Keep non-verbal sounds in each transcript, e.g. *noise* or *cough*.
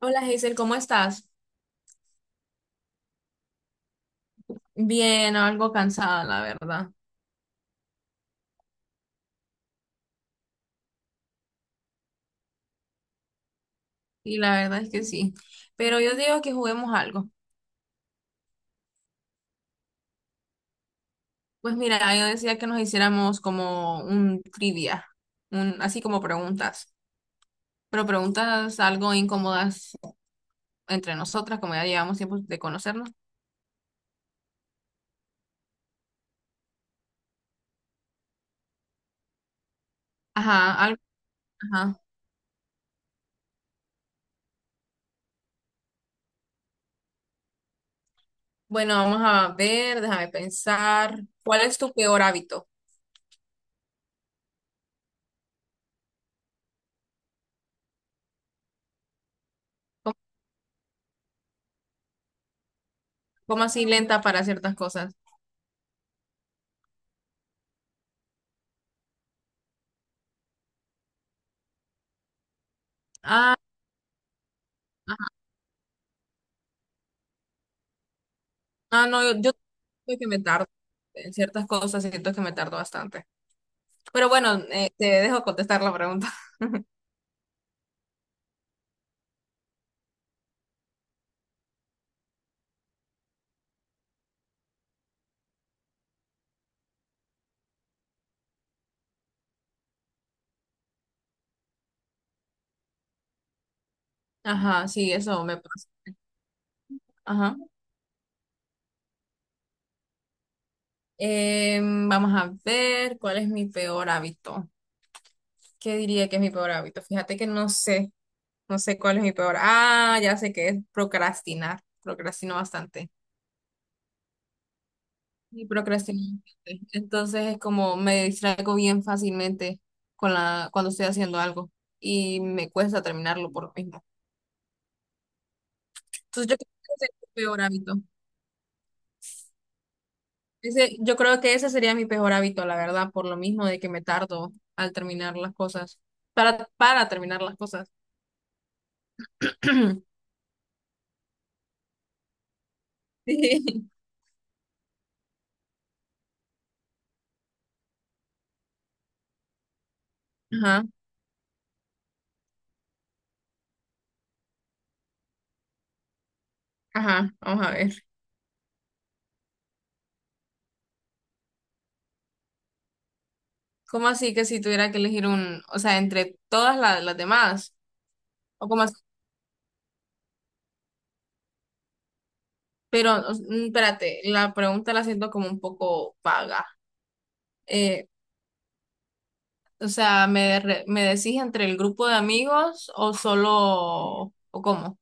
Hola Hazel, ¿cómo estás? Bien, algo cansada, la verdad. Y la verdad es que sí. Pero yo digo que juguemos algo. Pues mira, yo decía que nos hiciéramos como un trivia, un, así como preguntas. Pero preguntas algo incómodas entre nosotras, como ya llevamos tiempo de conocernos. Ajá, algo, ajá. Bueno, vamos a ver, déjame pensar. ¿Cuál es tu peor hábito? ¿Cómo, cómo así lenta para ciertas cosas? Ah, no, yo siento que me tardo en ciertas cosas, siento que me tardo bastante. Pero bueno, te dejo contestar la pregunta. *laughs* Ajá, sí, eso me pasa. Ajá. Vamos a ver cuál es mi peor hábito. ¿Qué diría que es mi peor hábito? Fíjate que no sé, no sé cuál es mi peor. Ah, ya sé que es procrastinar. Procrastino bastante. Y procrastino bastante. Entonces es como me distraigo bien fácilmente con la, cuando estoy haciendo algo y me cuesta terminarlo por lo mismo. Entonces yo creo que ese es mi peor hábito. Ese, yo creo que ese sería mi peor hábito, la verdad, por lo mismo de que me tardo al terminar las cosas. Para terminar las cosas. *clears throat* Sí. Ajá, ajá, vamos a ver. ¿Cómo así que si tuviera que elegir un, o sea, entre todas la- las demás? ¿O cómo así? Pero, o- mm, espérate, la pregunta la siento como un poco vaga. Eh, o sea, ¿me, re- me decís entre el grupo de amigos o solo, o cómo?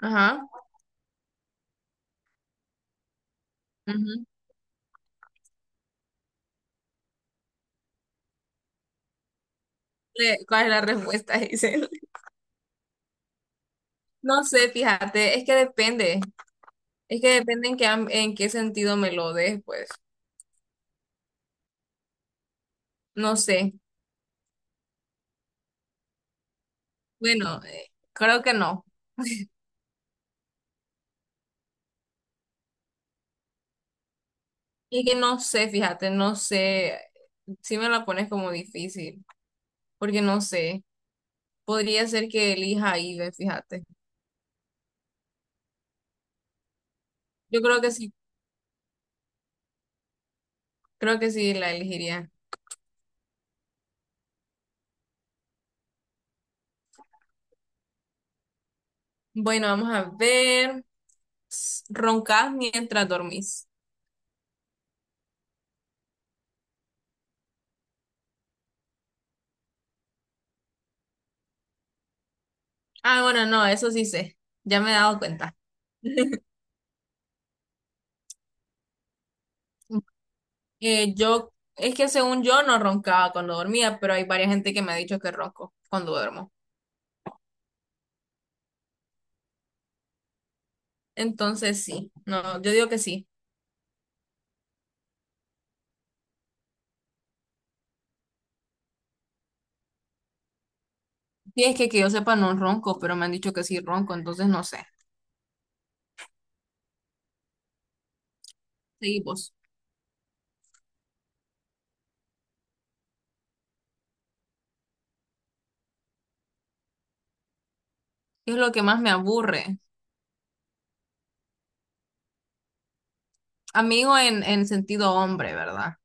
Ajá. re- ¿Cuál es la respuesta? *laughs* Dice, no sé, fíjate, es que depende en qué, am- en qué sentido me lo des, pues, no sé, bueno, creo que no, es que no sé, fíjate, no sé, si me la pones como difícil, porque no sé, podría ser que elija Ibe, fíjate, yo creo que sí la elegiría. Bueno, vamos a ver, S- roncas mientras dormís. Ah, bueno, no, eso sí sé, ya me he dado cuenta. Yo, es que según yo no roncaba cuando dormía, pero hay varias gente que me ha dicho que ronco cuando duermo. Entonces sí, no, yo digo que sí. Y es que yo sepa no ronco, pero me han dicho que sí ronco, entonces no sé. Seguimos. ¿Qué es lo que más me aburre? Amigo en sentido hombre, ¿verdad?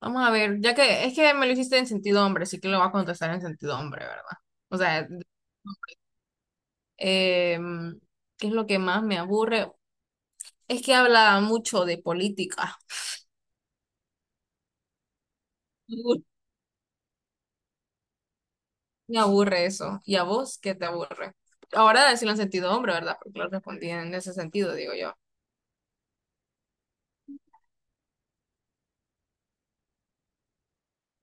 Vamos a ver, ya que es que me lo hiciste en sentido hombre, así que lo voy a contestar en sentido hombre, ¿verdad? O sea, em, ¿qué es lo que más me aburre? Es que habla mucho de política. *laughs* Me aburre eso. ¿Y a vos qué te aburre? Ahora decirlo en sentido hombre, ¿verdad? Porque lo respondí en ese sentido, digo yo.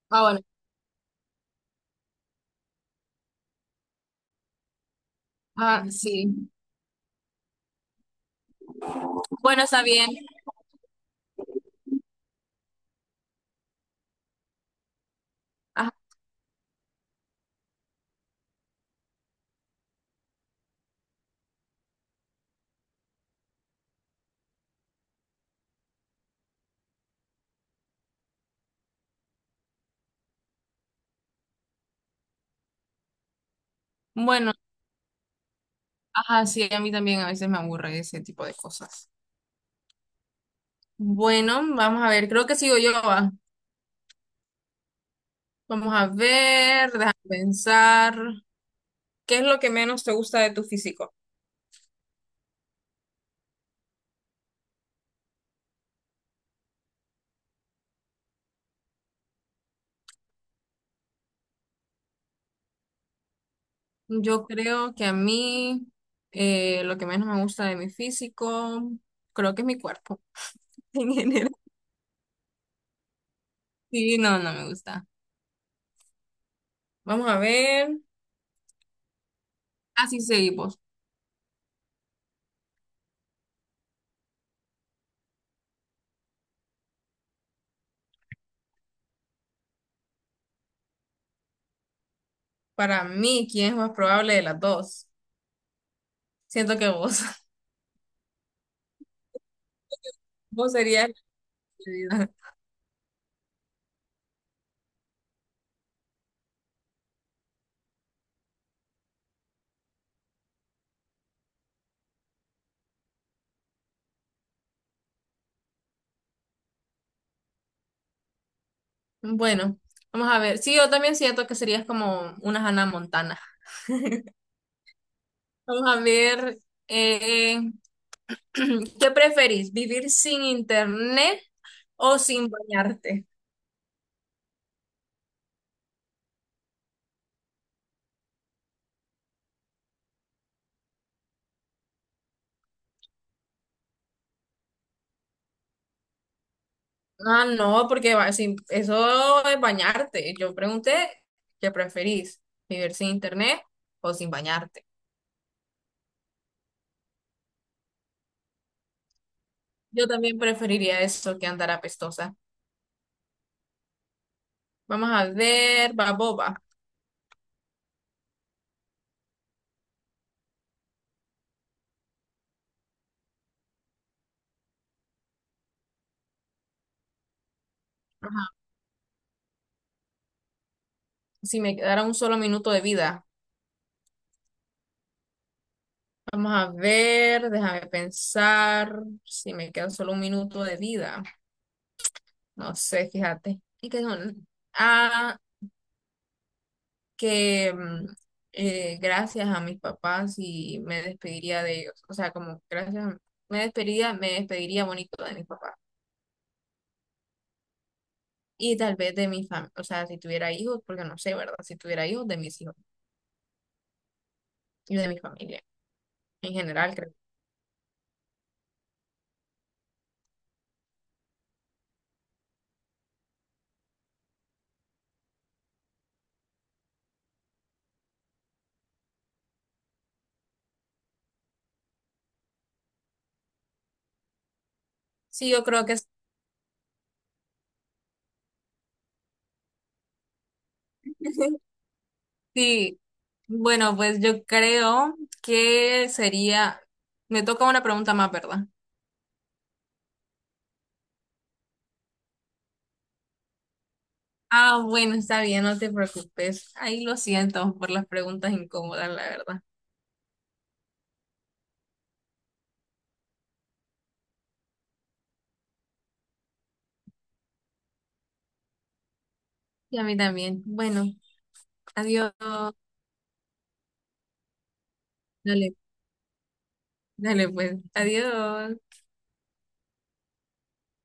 Ah, bueno. Ah, sí. Bueno, está bien. Ajá. Bueno, ajá, sí, a mí también a veces me aburre ese tipo de cosas. Bueno, vamos a ver. Creo que sigo yo. Va. Vamos a ver, déjame pensar. ¿Qué es lo que menos te gusta de tu físico? Yo creo que a mí lo que menos me gusta de mi físico, creo que es mi cuerpo *laughs* en general. Sí, no, no me gusta. Vamos a ver. Así seguimos. Para mí, ¿quién es más probable de las dos? Siento que vos. *laughs* Vos serías la elegida. Bueno, vamos a ver. Sí, yo también siento que serías como una Hannah Montana. Vamos a ver. eh, *clears throat* ¿qué preferís? ¿Vivir sin internet o sin bañarte? Ah, no, porque va- sin- eso es bañarte. Yo pregunté, ¿qué preferís? ¿Vivir sin internet o sin bañarte? Yo también preferiría eso que andar apestosa. Vamos a ver, Baboba. Ajá. Si me quedara un solo minuto de vida. Vamos a ver, déjame pensar. Si me queda solo un minuto de vida. No sé, fíjate. Y que son- Ah, que gracias a mis papás y me despediría de ellos. O sea, como gracias, a- me despediría bonito de mis papás. Y tal vez de mi familia. O sea, si tuviera hijos, porque no sé, ¿verdad? Si tuviera hijos, de mis hijos y de mi familia. En general, creo. Sí, yo creo que sí, bueno, pues yo creo que sería, me toca una pregunta más, ¿verdad? Ah, bueno, está bien, no te preocupes. Ahí lo siento por las preguntas incómodas, la verdad. Y a mí también. Bueno, adiós. Dale, dale pues. Adiós.